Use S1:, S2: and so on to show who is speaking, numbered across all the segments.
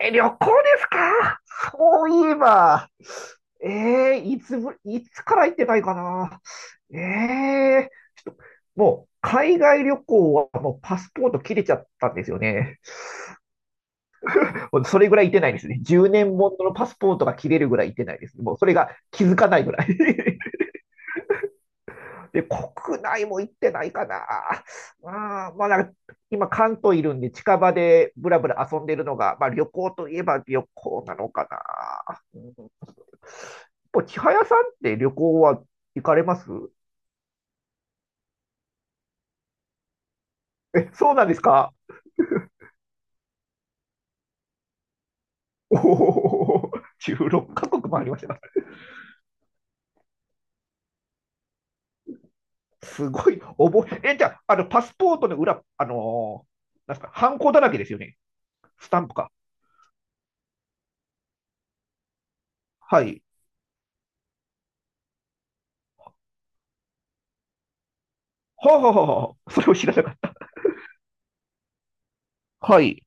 S1: え、旅行ですか？そういえば、いつから行ってないかな。えー、ちょっと、もう、海外旅行はもうパスポート切れちゃったんですよね。もうそれぐらい行ってないですね。10年もののパスポートが切れるぐらい行ってないですね。もうそれが気づかないぐらい。で、国内も行ってないかな。まあ、まあ、なんか今関東いるんで近場でぶらぶら遊んでるのが、まあ旅行といえば旅行なのかな。千早さんって旅行は行かれます？ え、そうなんですか？おお、16カ国もありました。すごい、え、じゃあ、あの、パスポートの裏、なんすか、ハンコだらけですよね。スタンプか。はい。はあ、はあはあ、それを知らなかった。はい。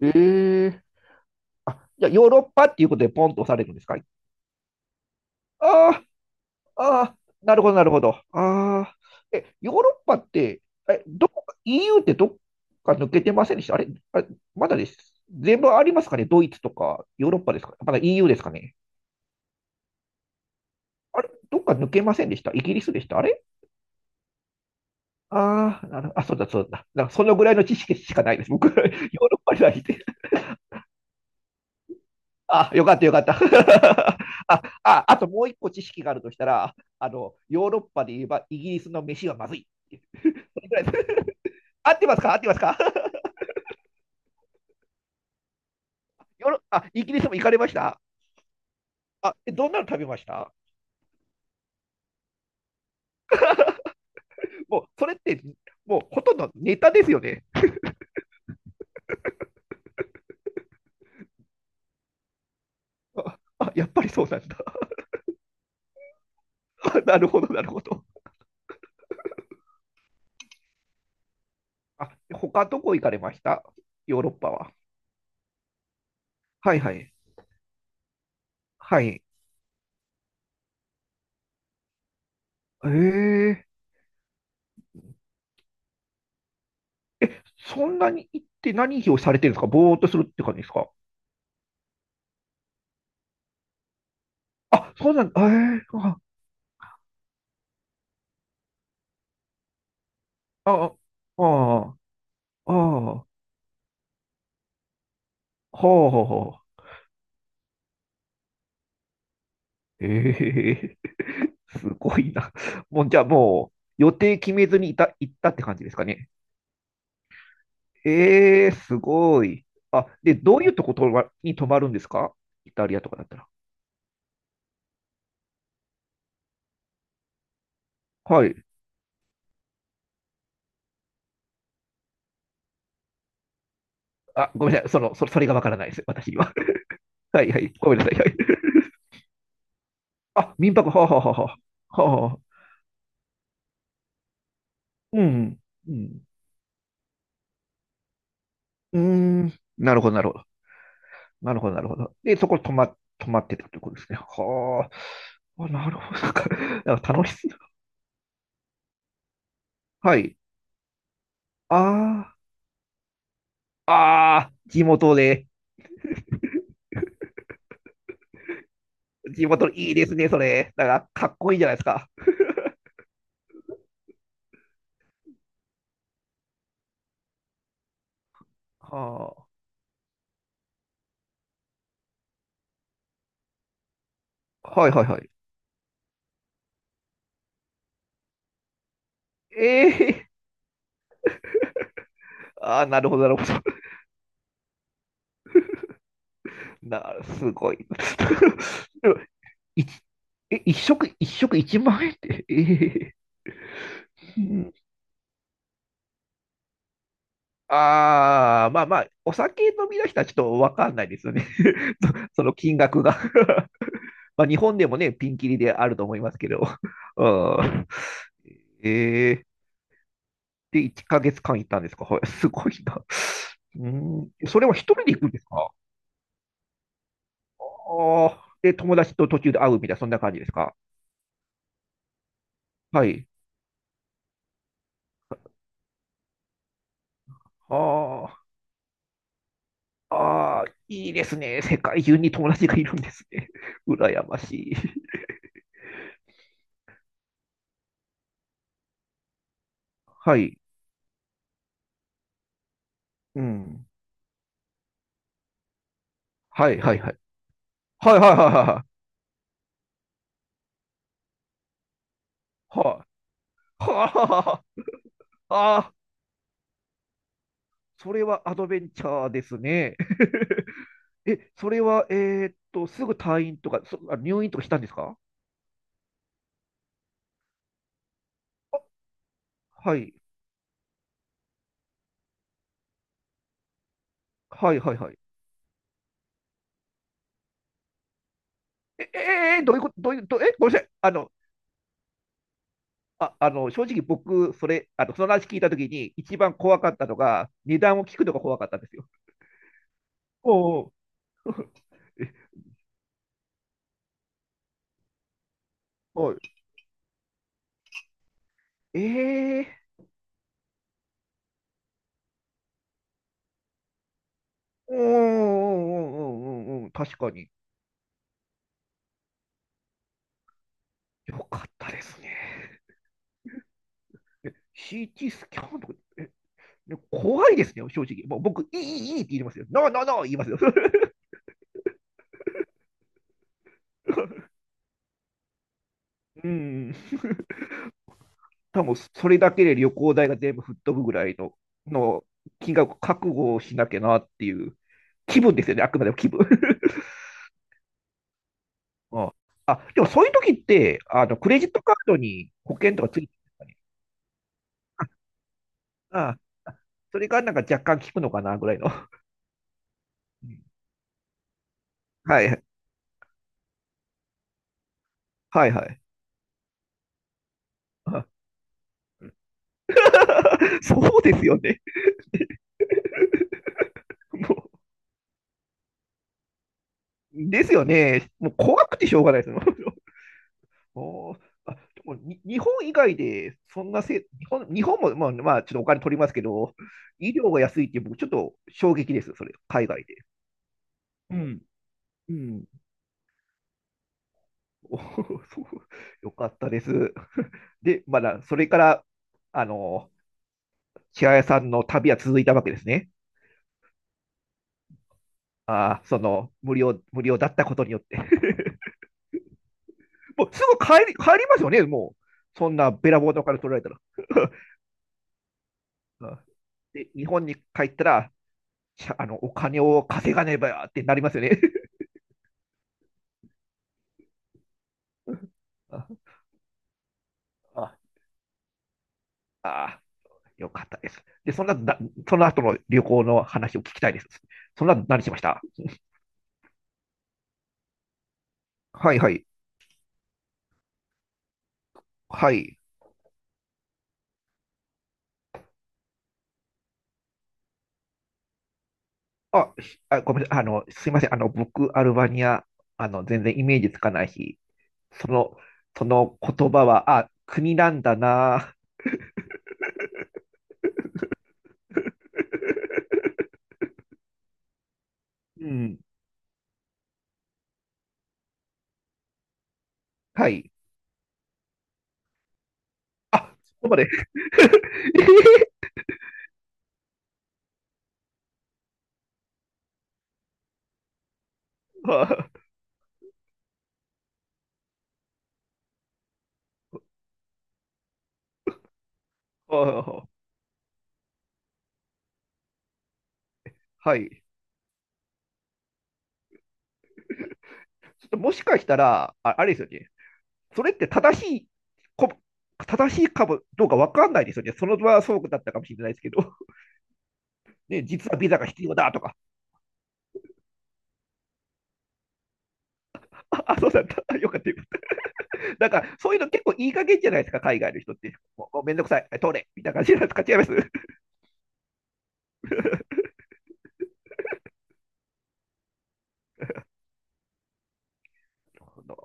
S1: ええー。あ、じゃあ、ヨーロッパっていうことでポンと押されるんですか？ああー、ああ、なるほど、なるほど。ああ、ヨーロッパって、どこか、EU ってどっか抜けてませんでしたあれ？あれ、まだです。全部ありますかね？ドイツとか、ヨーロッパですか？まだ EU ですかね？あれ、どっか抜けませんでしたイギリスでしたあれ？ああー、あ、そうだ、そうだ。なんかそのぐらいの知識しかないです。僕、ヨーロッパにはいて。あ、よかった、よかった。あ、あともう一個知識があるとしたら、あの、ヨーロッパで言えばイギリスの飯はまずい。ぐらいです。合ってますか？合ってますか？ヨロあ、イギリスも行かれました？あ、どんなの食べました？もう、それって、もうほとんどネタですよね。あ、やっぱりそうなんだ。なるほど、なるほど。あ、他どこ行かれました？ヨーロッパは。はいはい。はい。えー、そんなに行って何をされてるんですか？ぼーっとするって感じですか？あ、そうなんだ。えー、あ、あ、あ、あ、はあ、はうえー、すごいな。もう、じゃあもう、予定決めずに行ったって感じですかね。ええ、すごい。あ、で、どういうとこ泊まるんですか？イタリアとかだったら。はい。あ、ごめんなさい。それがわからないです。私には。はいはい。ごめんなさい。はい。あ、民泊、はあ、はあ、はあ、はあ。はあ、うん。うん。うーん。なるほど、なるほど。なるほど、なるほど。で、そこ泊まってたってことですね。はあ。あ、なるほど。なんか楽しそう。はい。ああ。ああ。地元で。地元、いいですね、それ。なんか、かっこいいじゃないですか。はあ。はいはいはい。ええー。ああ、なるほど、なるほど。すごい。でも一一食一万円って、ええー。ああ、まあまあ、お酒飲みの人はちょっとわかんないですよね。その金額が まあ、日本でもね、ピンキリであると思いますけど。うん。ええ、で、1ヶ月間行ったんですか？はい。すごいな。うん、それは一人で行くんですか？ああー、で、友達と途中で会うみたいな、そんな感じですか？はい。ああ、ああ、いいですね。世界中に友達がいるんですね。羨ましい。はい。うん。はい、はい、はい。はい、はい、はい、はい。はい。はあ、ああ、それはアドベンチャーですね。それは、すぐ退院とか、入院とかしたんですか？はい。はい、はい、はい。え、えーどういうこと、どういう、ど、え、ごめんなさい。あの、あ、あの、正直僕、それ、あの、その話聞いたときに、一番怖かったのが、値段を聞くのが怖かったんですよ。おうおう。はい。ええー、うんうんうんうんうんうん、確かに。よかったですね。CT スキャンとか、ね、怖いですね、正直。もう僕、いい、いい、いいって言いますよ。ノー、ノー、ノー言いますよ。うん。多分それだけで旅行代が全部吹っ飛ぶぐらいの、金額覚悟をしなきゃなっていう気分ですよね、あくまでも気分。ああ、でもそういう時って、あの、クレジットカードに保険とかついてるんですかね。ああ、それがなんか若干効くのかなぐらいの。うん、はいはい。はいはい。あ そうですよね。もう、ですよね。もう怖くてしょうがないですよ。おー。あ、でも日本以外で、そんなせ、日本も、まあ、まあ、ちょっとお金取りますけど、医療が安いって、僕、ちょっと衝撃です、それ、海外で。うん。うん。おー、そう、よかったです。で、まだ、それから、あの、千早さんの旅は続いたわけですね。ああ、その、無料だったことによって。もうすぐ帰りますよね、もう。そんなべらぼうのお金取られたら。で、日本に帰ったら、ゃあの、お金を稼がねばってなりますよね。あああ、よかったです。で、そんな、その後の旅行の話を聞きたいです。そんな、何しました？ はいはい。はい。あ、あ、ごめんなさい。あの、すいません。あの、僕、アルバニア、あの、全然イメージつかないし、その、その言葉は、あ、国なんだな。うん。はい。あ、そこまで。はあはあはい。ちょっともしかしたら、あ、あれですよね。それってこ、正しいかもどうかわかんないですよね。その場はそうだったかもしれないですけど、ね、実はビザが必要だとか。あ、そうだった。よかったよ。なんか、そういうの結構いい加減じゃないですか、海外の人って。もう、もうめんどくさい。通れ。みたいな感じなんですか？違います？なるほど